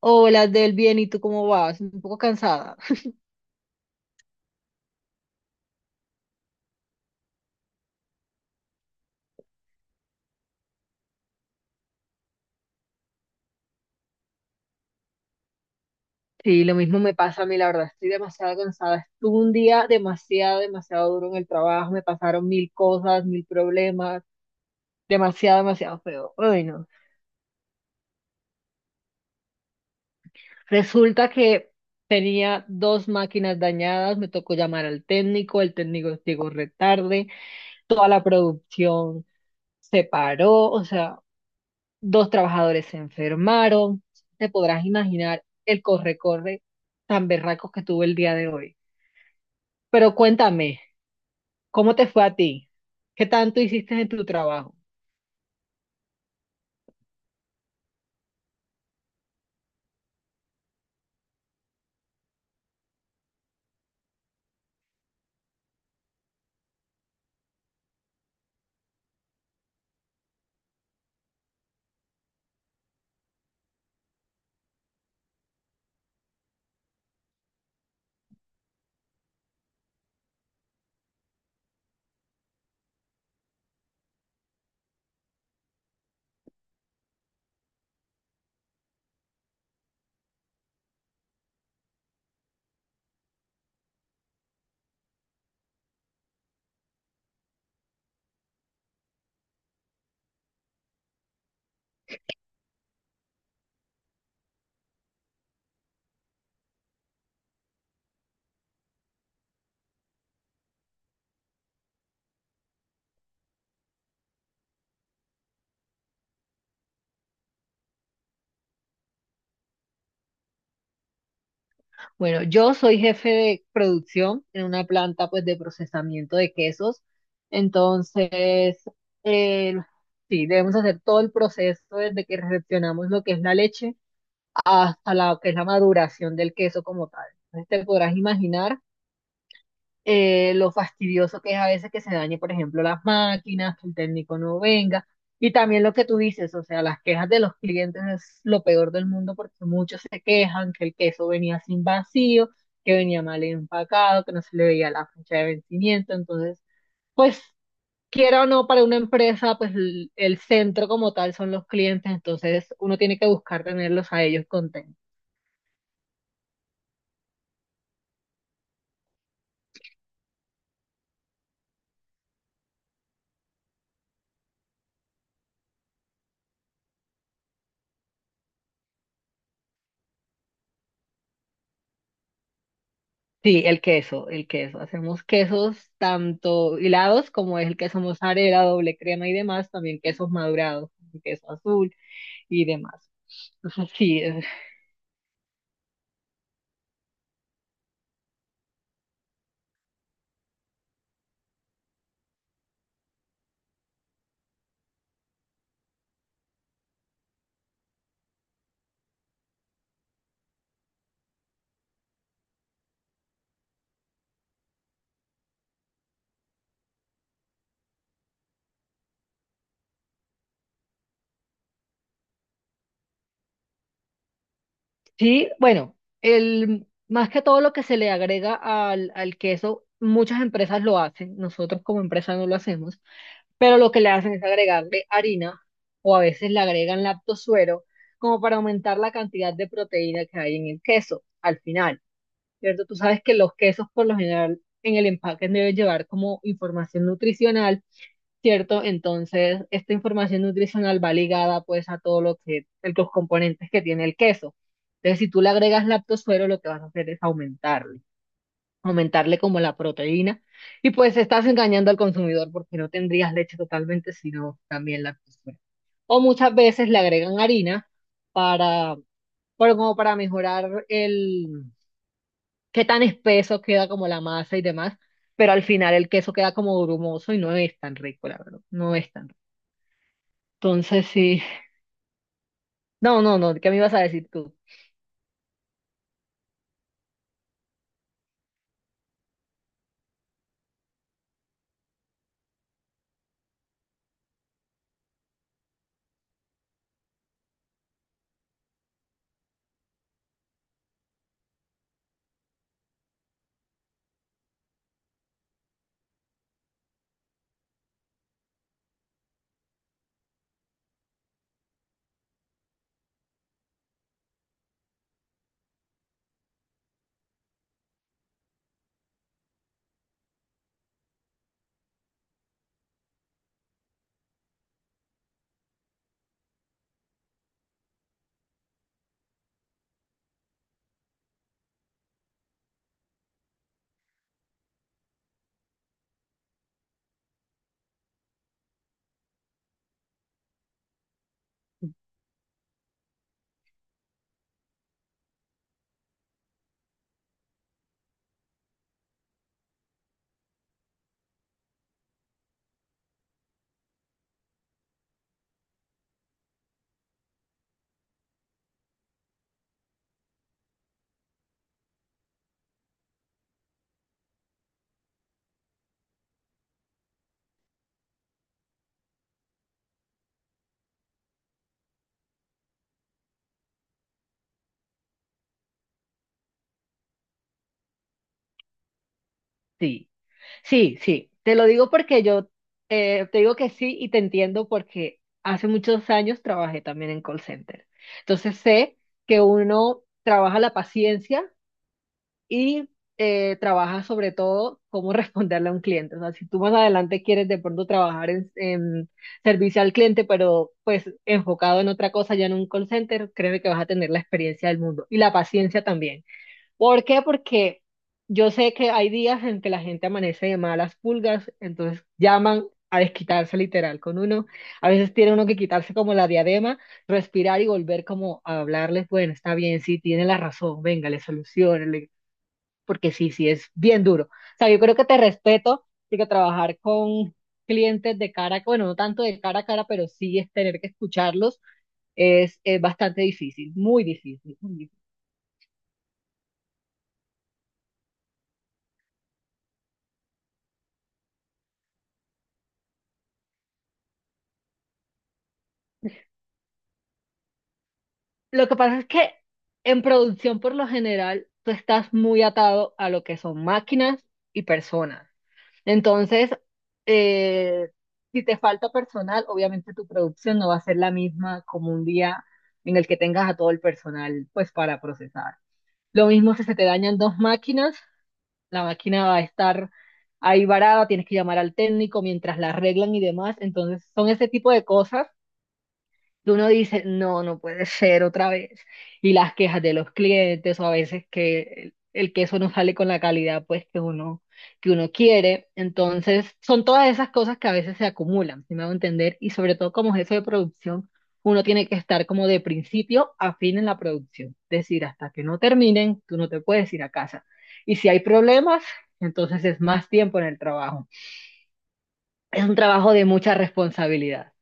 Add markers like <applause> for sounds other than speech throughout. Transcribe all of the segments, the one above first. Hola, del bien, ¿y tú cómo vas? Un poco cansada. Sí, lo mismo me pasa a mí, la verdad, estoy demasiado cansada. Estuve un día demasiado, demasiado duro en el trabajo, me pasaron mil cosas, mil problemas, demasiado, demasiado feo. Ay, no. Resulta que tenía dos máquinas dañadas, me tocó llamar al técnico, el técnico llegó retarde, toda la producción se paró, o sea, dos trabajadores se enfermaron. Te podrás imaginar el corre-corre tan berraco que tuve el día de hoy. Pero cuéntame, ¿cómo te fue a ti? ¿Qué tanto hiciste en tu trabajo? Bueno, yo soy jefe de producción en una planta pues de procesamiento de quesos. Entonces, eh, sí, debemos hacer todo el proceso desde que recepcionamos lo que es la leche hasta la que es la maduración del queso como tal. Entonces, te podrás imaginar lo fastidioso que es a veces que se dañe, por ejemplo, las máquinas, que el técnico no venga. Y también lo que tú dices, o sea, las quejas de los clientes es lo peor del mundo porque muchos se quejan que el queso venía sin vacío, que venía mal empacado, que no se le veía la fecha de vencimiento. Entonces, pues, quiera o no, para una empresa, pues el centro como tal son los clientes, entonces uno tiene que buscar tenerlos a ellos contentos. Sí, el queso, el queso. Hacemos quesos tanto hilados como es el queso mozzarella, doble crema y demás, también quesos madurados, queso azul y demás. Entonces, sí, sí, bueno, más que todo lo que se le agrega al queso, muchas empresas lo hacen, nosotros como empresa no lo hacemos, pero lo que le hacen es agregarle harina o a veces le agregan lactosuero como para aumentar la cantidad de proteína que hay en el queso al final. ¿Cierto? Tú sabes que los quesos por lo general en el empaque deben llevar como información nutricional, ¿cierto? Entonces, esta información nutricional va ligada pues a todo los componentes que tiene el queso. Entonces, si tú le agregas lactosuero, lo que vas a hacer es aumentarle como la proteína, y pues estás engañando al consumidor porque no tendrías leche totalmente, sino también lactosuero. O muchas veces le agregan harina para, para como para mejorar qué tan espeso queda como la masa y demás, pero al final el queso queda como grumoso y no es tan rico, la verdad, no es tan rico. Entonces sí, no, no, no, ¿qué me ibas a decir tú? Sí, sí, sí, te lo digo porque yo te digo que sí y te entiendo porque hace muchos años trabajé también en call center. Entonces sé que uno trabaja la paciencia y trabaja sobre todo cómo <laughs> responderle a un cliente. O sea, si tú más adelante quieres de pronto trabajar en servicio al cliente, pero pues enfocado en otra cosa, ya en un call center, créeme que vas a tener la experiencia del mundo y la paciencia también. ¿Por qué? Porque yo sé que hay días en que la gente amanece de malas pulgas, entonces llaman a desquitarse literal con uno. A veces tiene uno que quitarse como la diadema, respirar y volver como a hablarles, bueno, está bien, sí, tiene la razón, venga, le soluciono, porque sí, sí, es bien duro. O sea, yo creo que te respeto, porque trabajar con clientes de cara, bueno, no tanto de cara a cara, pero sí es tener que escucharlos, es bastante difícil, muy difícil, muy difícil. Lo que pasa es que en producción, por lo general, tú estás muy atado a lo que son máquinas y personas. Entonces, eh, si te falta personal, obviamente tu producción no va a ser la misma como un día en el que tengas a todo el personal, pues, para procesar. Lo mismo si se te dañan dos máquinas, la máquina va a estar ahí varada, tienes que llamar al técnico mientras la arreglan y demás. Entonces, son ese tipo de cosas que uno dice, no, no puede ser otra vez. Y las quejas de los clientes o a veces que el queso no sale con la calidad pues que uno quiere. Entonces, son todas esas cosas que a veces se acumulan, si me hago entender, y sobre todo como jefe de producción, uno tiene que estar como de principio a fin en la producción. Es decir, hasta que no terminen, tú no te puedes ir a casa. Y si hay problemas, entonces es más tiempo en el trabajo. Es un trabajo de mucha responsabilidad.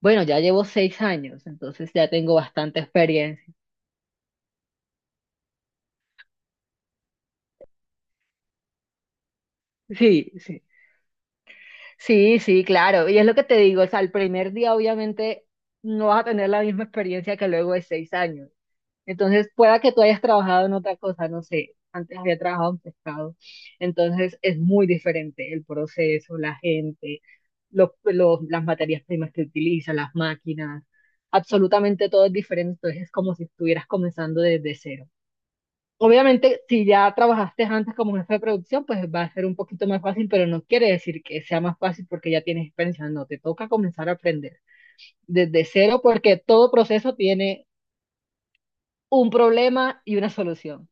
Bueno, ya llevo 6 años, entonces ya tengo bastante experiencia. Sí, sí. Sí, sí, claro. Y es lo que te digo, o sea, el primer día obviamente no vas a tener la misma experiencia que luego de 6 años. Entonces, pueda que tú hayas trabajado en otra cosa, no sé. Antes había trabajado en pescado. Entonces, es muy diferente el proceso, la gente, las materias primas que utilizan, las máquinas. Absolutamente todo es diferente. Entonces, es como si estuvieras comenzando desde cero. Obviamente, si ya trabajaste antes como jefe de producción, pues va a ser un poquito más fácil, pero no quiere decir que sea más fácil porque ya tienes experiencia. No, te toca comenzar a aprender desde cero porque todo proceso tiene un problema y una solución.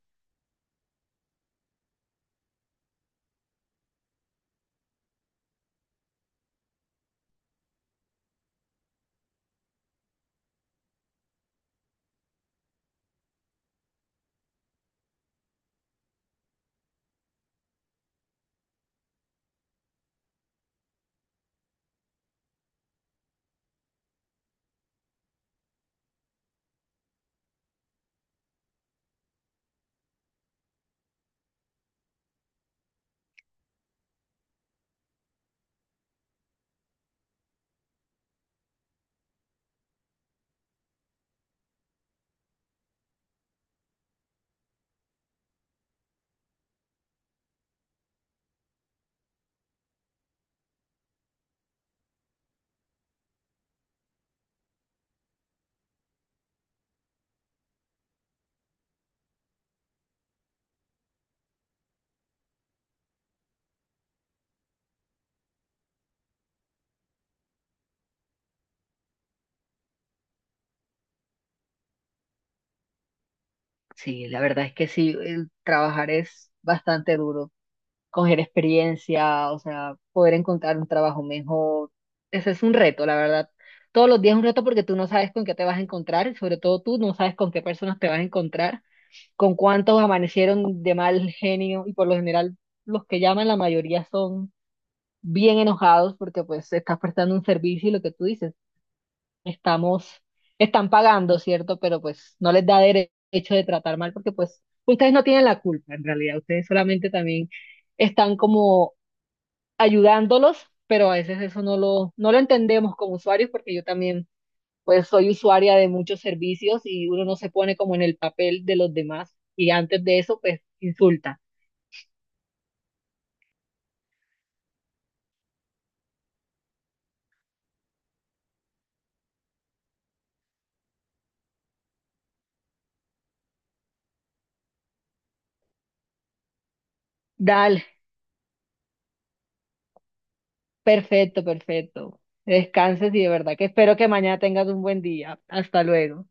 Sí, la verdad es que sí, el trabajar es bastante duro. Coger experiencia, o sea, poder encontrar un trabajo mejor, ese es un reto, la verdad. Todos los días es un reto porque tú no sabes con qué te vas a encontrar y sobre todo tú no sabes con qué personas te vas a encontrar, con cuántos amanecieron de mal genio, y por lo general los que llaman la mayoría son bien enojados porque pues estás prestando un servicio y lo que tú dices, estamos, están pagando, ¿cierto? Pero pues no les da derecho de tratar mal porque pues ustedes no tienen la culpa en realidad, ustedes solamente también están como ayudándolos, pero a veces eso no lo, no lo entendemos como usuarios porque yo también pues soy usuaria de muchos servicios y uno no se pone como en el papel de los demás y antes de eso pues insulta. Dale, perfecto, perfecto. Descanses y de verdad que espero que mañana tengas un buen día. Hasta luego.